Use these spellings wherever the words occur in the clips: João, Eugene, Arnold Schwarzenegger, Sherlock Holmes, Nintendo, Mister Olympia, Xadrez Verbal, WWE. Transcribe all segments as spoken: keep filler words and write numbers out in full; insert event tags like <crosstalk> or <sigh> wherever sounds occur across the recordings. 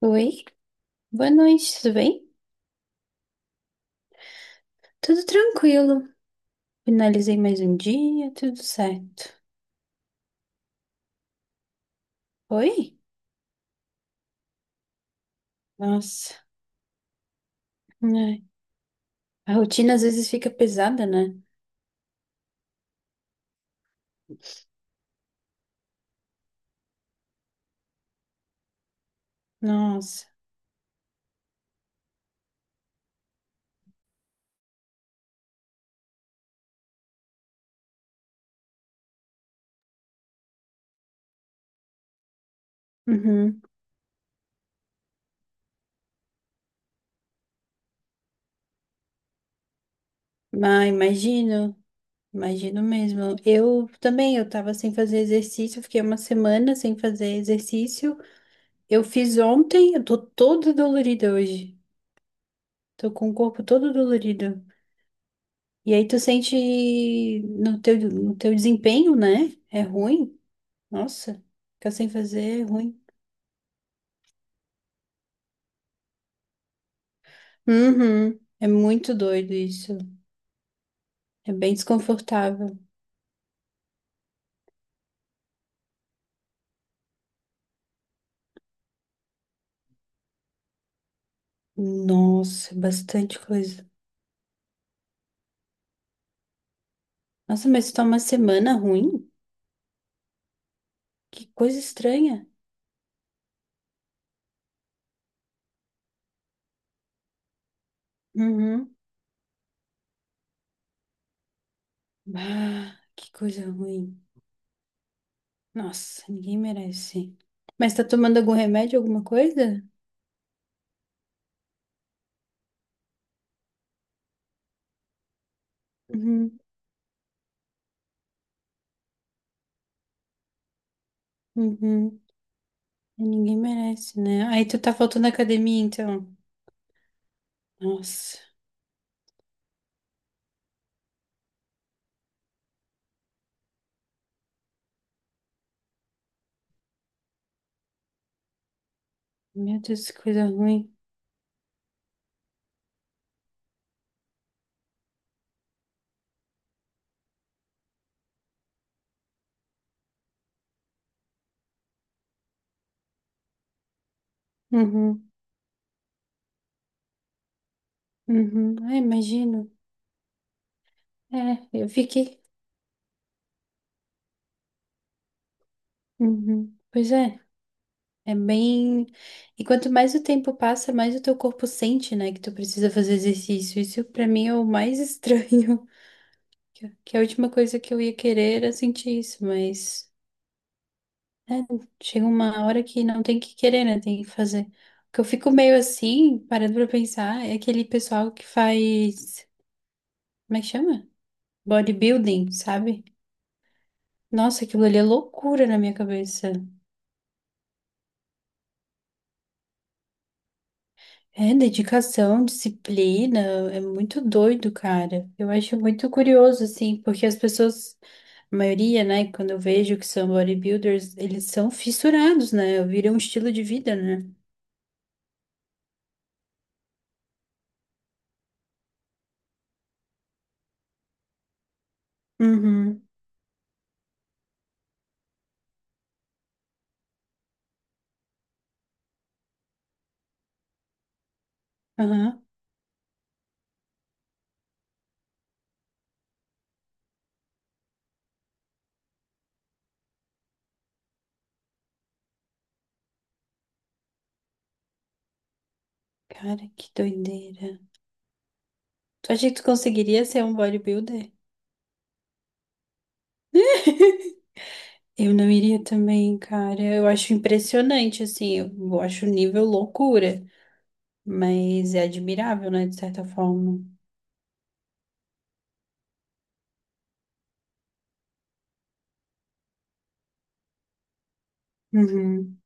Oi, boa noite, tudo bem? Tudo tranquilo. Finalizei mais um dia, tudo certo. Oi? Nossa, né? A rotina às vezes fica pesada, né? Nossa. Uhum. Ah, imagino, imagino mesmo. Eu também, eu tava sem fazer exercício, fiquei uma semana sem fazer exercício. Eu fiz ontem, eu tô toda dolorida hoje. Tô com o corpo todo dolorido. E aí tu sente no teu, no teu desempenho, né? É ruim. Nossa, ficar sem fazer é ruim. Uhum. É muito doido isso. É bem desconfortável. Nossa, é bastante coisa. Nossa, mas tá uma semana ruim? Que coisa estranha. Uhum. Ah, que coisa ruim. Nossa, ninguém merece. Mas tá tomando algum remédio, alguma coisa? Uhum. Uhum. Ninguém merece, né? Aí tu tá faltando na academia, então. Nossa, meu Deus, que coisa ruim. Uhum. Uhum. Ah, imagino. É, eu fiquei. Uhum. Pois é, é bem. E quanto mais o tempo passa, mais o teu corpo sente, né, que tu precisa fazer exercício. Isso pra mim é o mais estranho. <laughs> Que que a última coisa que eu ia querer era sentir isso, mas né, chega uma hora que não tem que querer, né, tem que fazer. O que eu fico meio assim, parando pra pensar, é aquele pessoal que faz. Como é que chama? Bodybuilding, sabe? Nossa, aquilo ali é loucura na minha cabeça. É dedicação, disciplina, é muito doido, cara. Eu acho muito curioso, assim, porque as pessoas, a maioria, né, quando eu vejo que são bodybuilders, eles são fissurados, né? Viram um estilo de vida, né? Uhum, aham. Cara, que doideira. Tu acha que tu conseguiria ser um bodybuilder? <laughs> Eu não iria também, cara. Eu acho impressionante, assim, eu acho o nível loucura, mas é admirável, né, de certa forma. Uhum.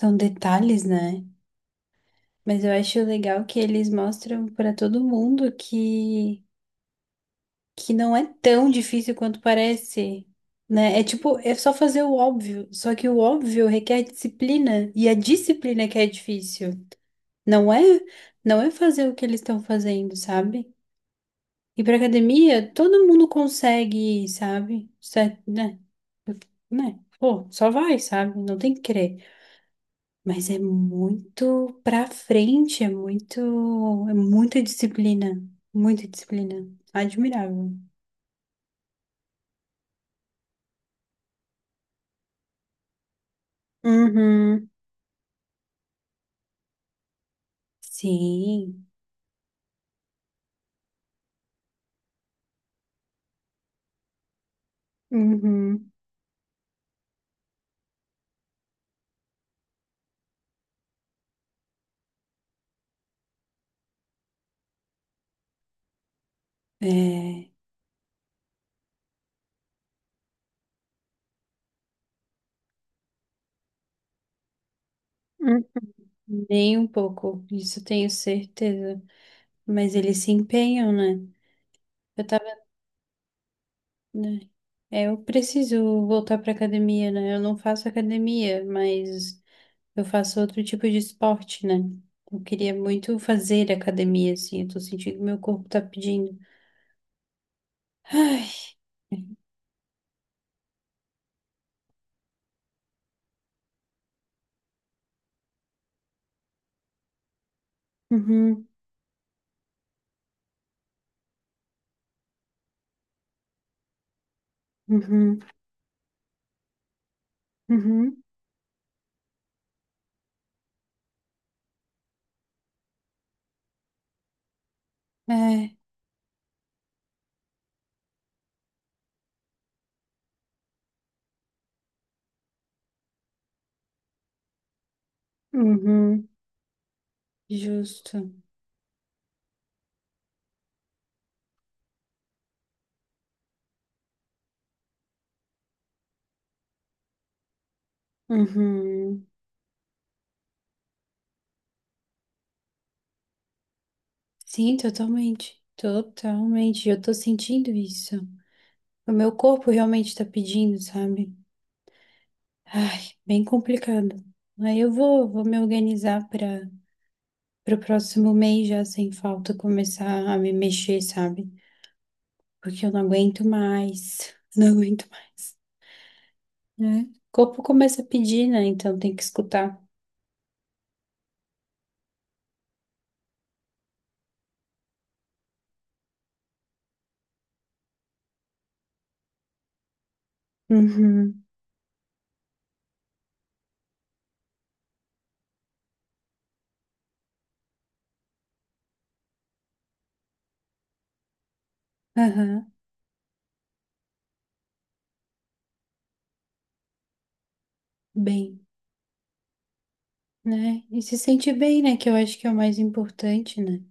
São detalhes, né? Mas eu acho legal que eles mostram para todo mundo que, que não é tão difícil quanto parece, né? É tipo, é só fazer o óbvio, só que o óbvio requer disciplina, e a disciplina que é difícil. Não é, não é fazer o que eles estão fazendo, sabe? E para academia, todo mundo consegue ir, sabe? Certo, né? Né? Pô, só vai, sabe? Não tem que querer. Mas é muito pra frente, é muito, é muita disciplina, muita disciplina. Admirável. Uhum. Sim. Uhum. É, uhum, nem um pouco, isso tenho certeza. Mas eles se empenham, né? Eu tava, né? É, eu preciso voltar pra academia, né? Eu não faço academia, mas eu faço outro tipo de esporte, né? Eu queria muito fazer academia, assim. Eu tô sentindo que meu corpo tá pedindo. Ai, uhum, uhum, uhum, é, uhum, justo. Uhum. Sim, totalmente. Totalmente. Eu tô sentindo isso. O meu corpo realmente tá pedindo, sabe? Ai, bem complicado. Aí eu vou, vou me organizar para para o próximo mês já sem falta começar a me mexer, sabe? Porque eu não aguento mais. <laughs> Não aguento mais, né? O corpo começa a pedir, né? Então tem que escutar. Uhum. Aham, bem, né? E se sente bem, né? Que eu acho que é o mais importante, né?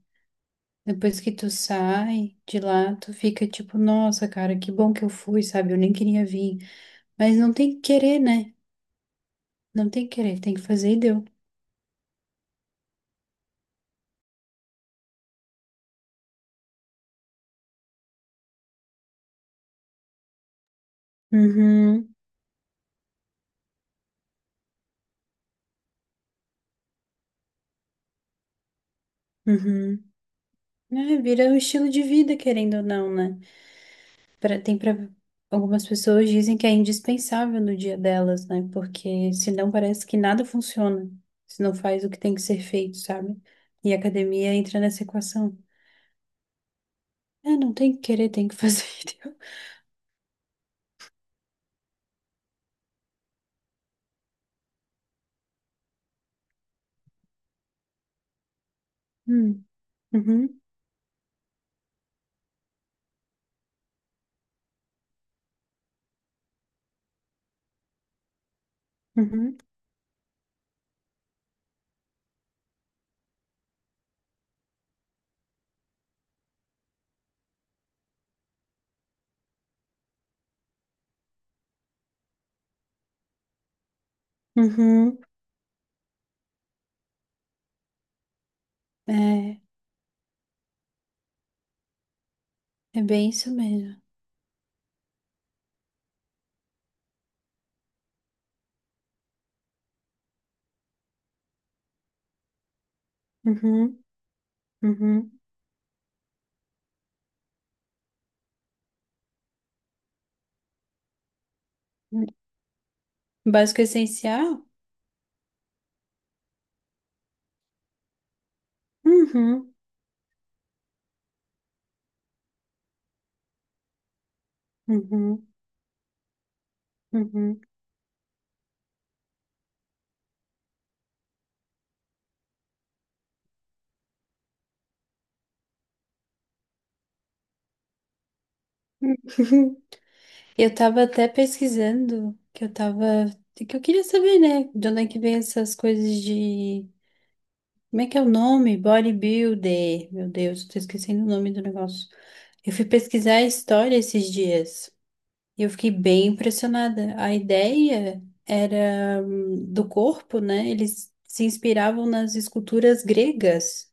Depois que tu sai de lá, tu fica tipo, nossa, cara, que bom que eu fui, sabe? Eu nem queria vir. Mas não tem que querer, né? Não tem que querer, tem que fazer e deu. Uhum, uhum. É, vira um estilo de vida, querendo ou não, né? pra- tem para algumas pessoas dizem que é indispensável no dia delas, né? Porque senão parece que nada funciona, se não faz o que tem que ser feito, sabe? E a academia entra nessa equação. É, não tem que querer, tem que fazer. <laughs> Entendeu? Hum, uhum, uhum, uhum. É, é bem isso mesmo. Uhum, uhum. Básico essencial? Uhum, uhum, uhum. <laughs> Eu tava até pesquisando, que eu tava, que eu queria saber, né, de onde é que vem essas coisas de, como é que é o nome? Bodybuilder. Meu Deus, tô esquecendo o nome do negócio. Eu fui pesquisar a história esses dias e eu fiquei bem impressionada. A ideia era hum, do corpo, né? Eles se inspiravam nas esculturas gregas.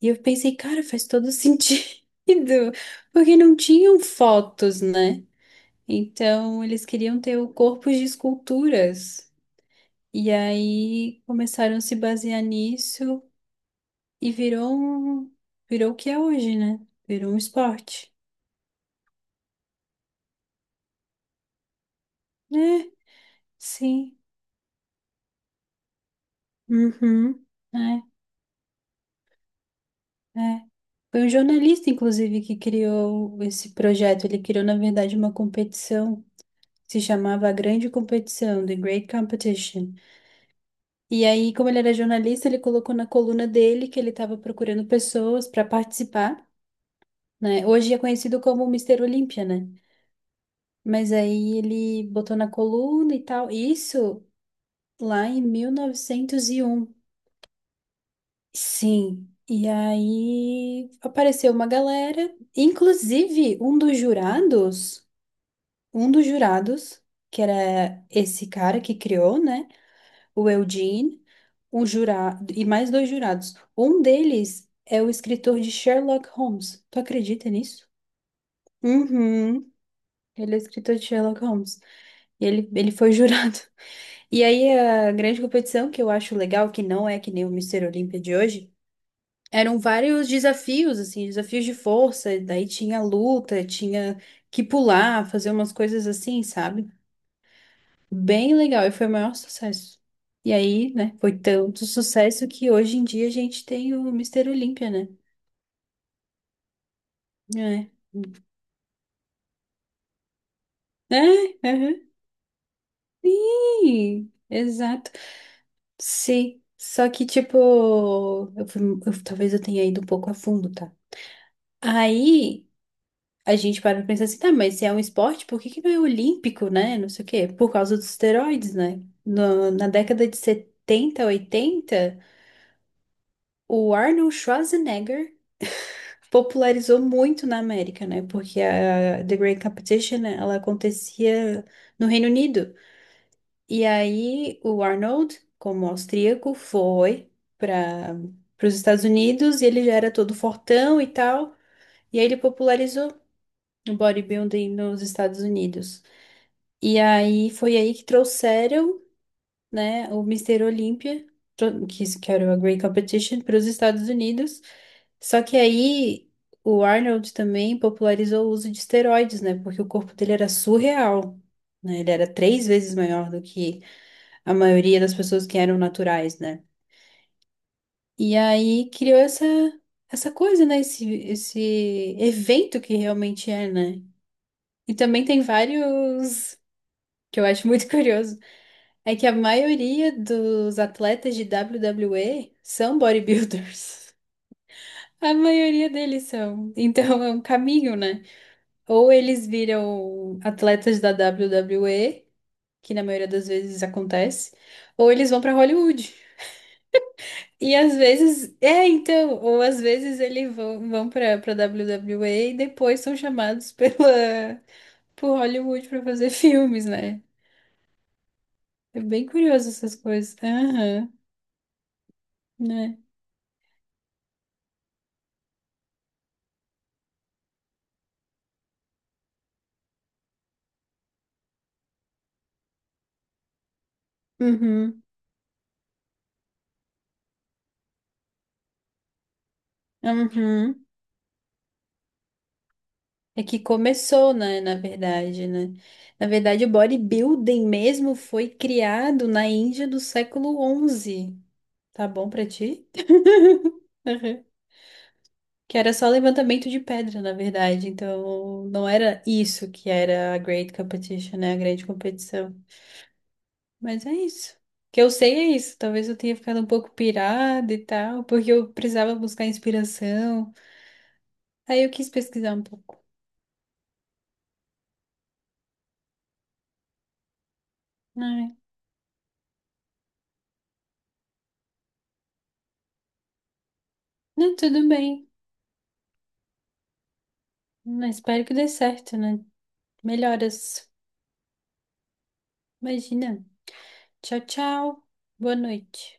E eu pensei, cara, faz todo sentido, <laughs> porque não tinham fotos, né? Então, eles queriam ter o corpo de esculturas. E aí começaram a se basear nisso e virou um, virou o que é hoje, né? Virou um esporte. É, sim. Uhum. É, é. Foi um jornalista, inclusive, que criou esse projeto. Ele criou, na verdade, uma competição. Se chamava A Grande Competição, The Great Competition. E aí, como ele era jornalista, ele colocou na coluna dele que ele estava procurando pessoas para participar, né? Hoje é conhecido como Mister Olímpia, né? Mas aí ele botou na coluna e tal. Isso lá em mil novecentos e um. Sim. E aí apareceu uma galera, inclusive um dos jurados, um dos jurados, que era esse cara que criou, né? O Eugene, um jurado e mais dois jurados. Um deles é o escritor de Sherlock Holmes. Tu acredita nisso? Uhum. Ele é escritor de Sherlock Holmes. E ele, ele foi jurado. <laughs> E aí a grande competição, que eu acho legal, que não é que nem o Mister Olímpia de hoje, eram vários desafios, assim, desafios de força, daí tinha luta, tinha que pular, fazer umas coisas assim, sabe? Bem legal, e foi o maior sucesso. E aí, né, foi tanto sucesso que hoje em dia a gente tem o Mister Olímpia, né? É. É, aham. Sim, exato. Sim, só que tipo, eu fui- eu- talvez eu tenha ido um pouco a fundo, tá? Aí a gente para pra pensar assim, tá, mas se é um esporte, por que que não é olímpico, né? Não sei o quê. Por causa dos esteroides, né? No- na década de setenta oitenta o Arnold Schwarzenegger popularizou muito na América, né? Porque a The Great Competition, né, ela acontecia no Reino Unido. E aí o Arnold, como austríaco, foi para os Estados Unidos e ele já era todo fortão e tal. E aí ele popularizou no bodybuilding nos Estados Unidos. E aí foi aí que trouxeram, né, o Mister Olympia, tro- que isso que era o Great Competition, para os Estados Unidos. Só que aí o Arnold também popularizou o uso de esteroides, né, porque o corpo dele era surreal, né, ele era três vezes maior do que a maioria das pessoas que eram naturais, né. E aí criou essa essa coisa, né? Esse, esse evento que realmente é, né? E também tem vários, que eu acho muito <laughs> curioso, é que a maioria dos atletas de W W E são bodybuilders. <laughs> A maioria deles são. Então é um caminho, né? Ou eles viram atletas da W W E, que na maioria das vezes acontece, ou eles vão pra Hollywood. E às vezes, é, então, ou às vezes eles vão, vão para para WWE e e depois são chamados <laughs> pela por Hollywood pra fazer filmes, né? É bem curioso essas coisas. Aham, né? Uhum, uhum. É que começou, né, na verdade, né? Na verdade, o bodybuilding mesmo foi criado na Índia do século onze. Tá bom pra ti? <laughs> Uhum. Que era só levantamento de pedra, na verdade. Então, não era isso que era a Great Competition, né? A grande competição. Mas é isso. O que eu sei é isso. Talvez eu tenha ficado um pouco pirada e tal, porque eu precisava buscar inspiração. Aí eu quis pesquisar um pouco. Ai. Não, tudo bem. Mas espero que dê certo, né? Melhoras. Imagina. Tchau, tchau. Boa noite.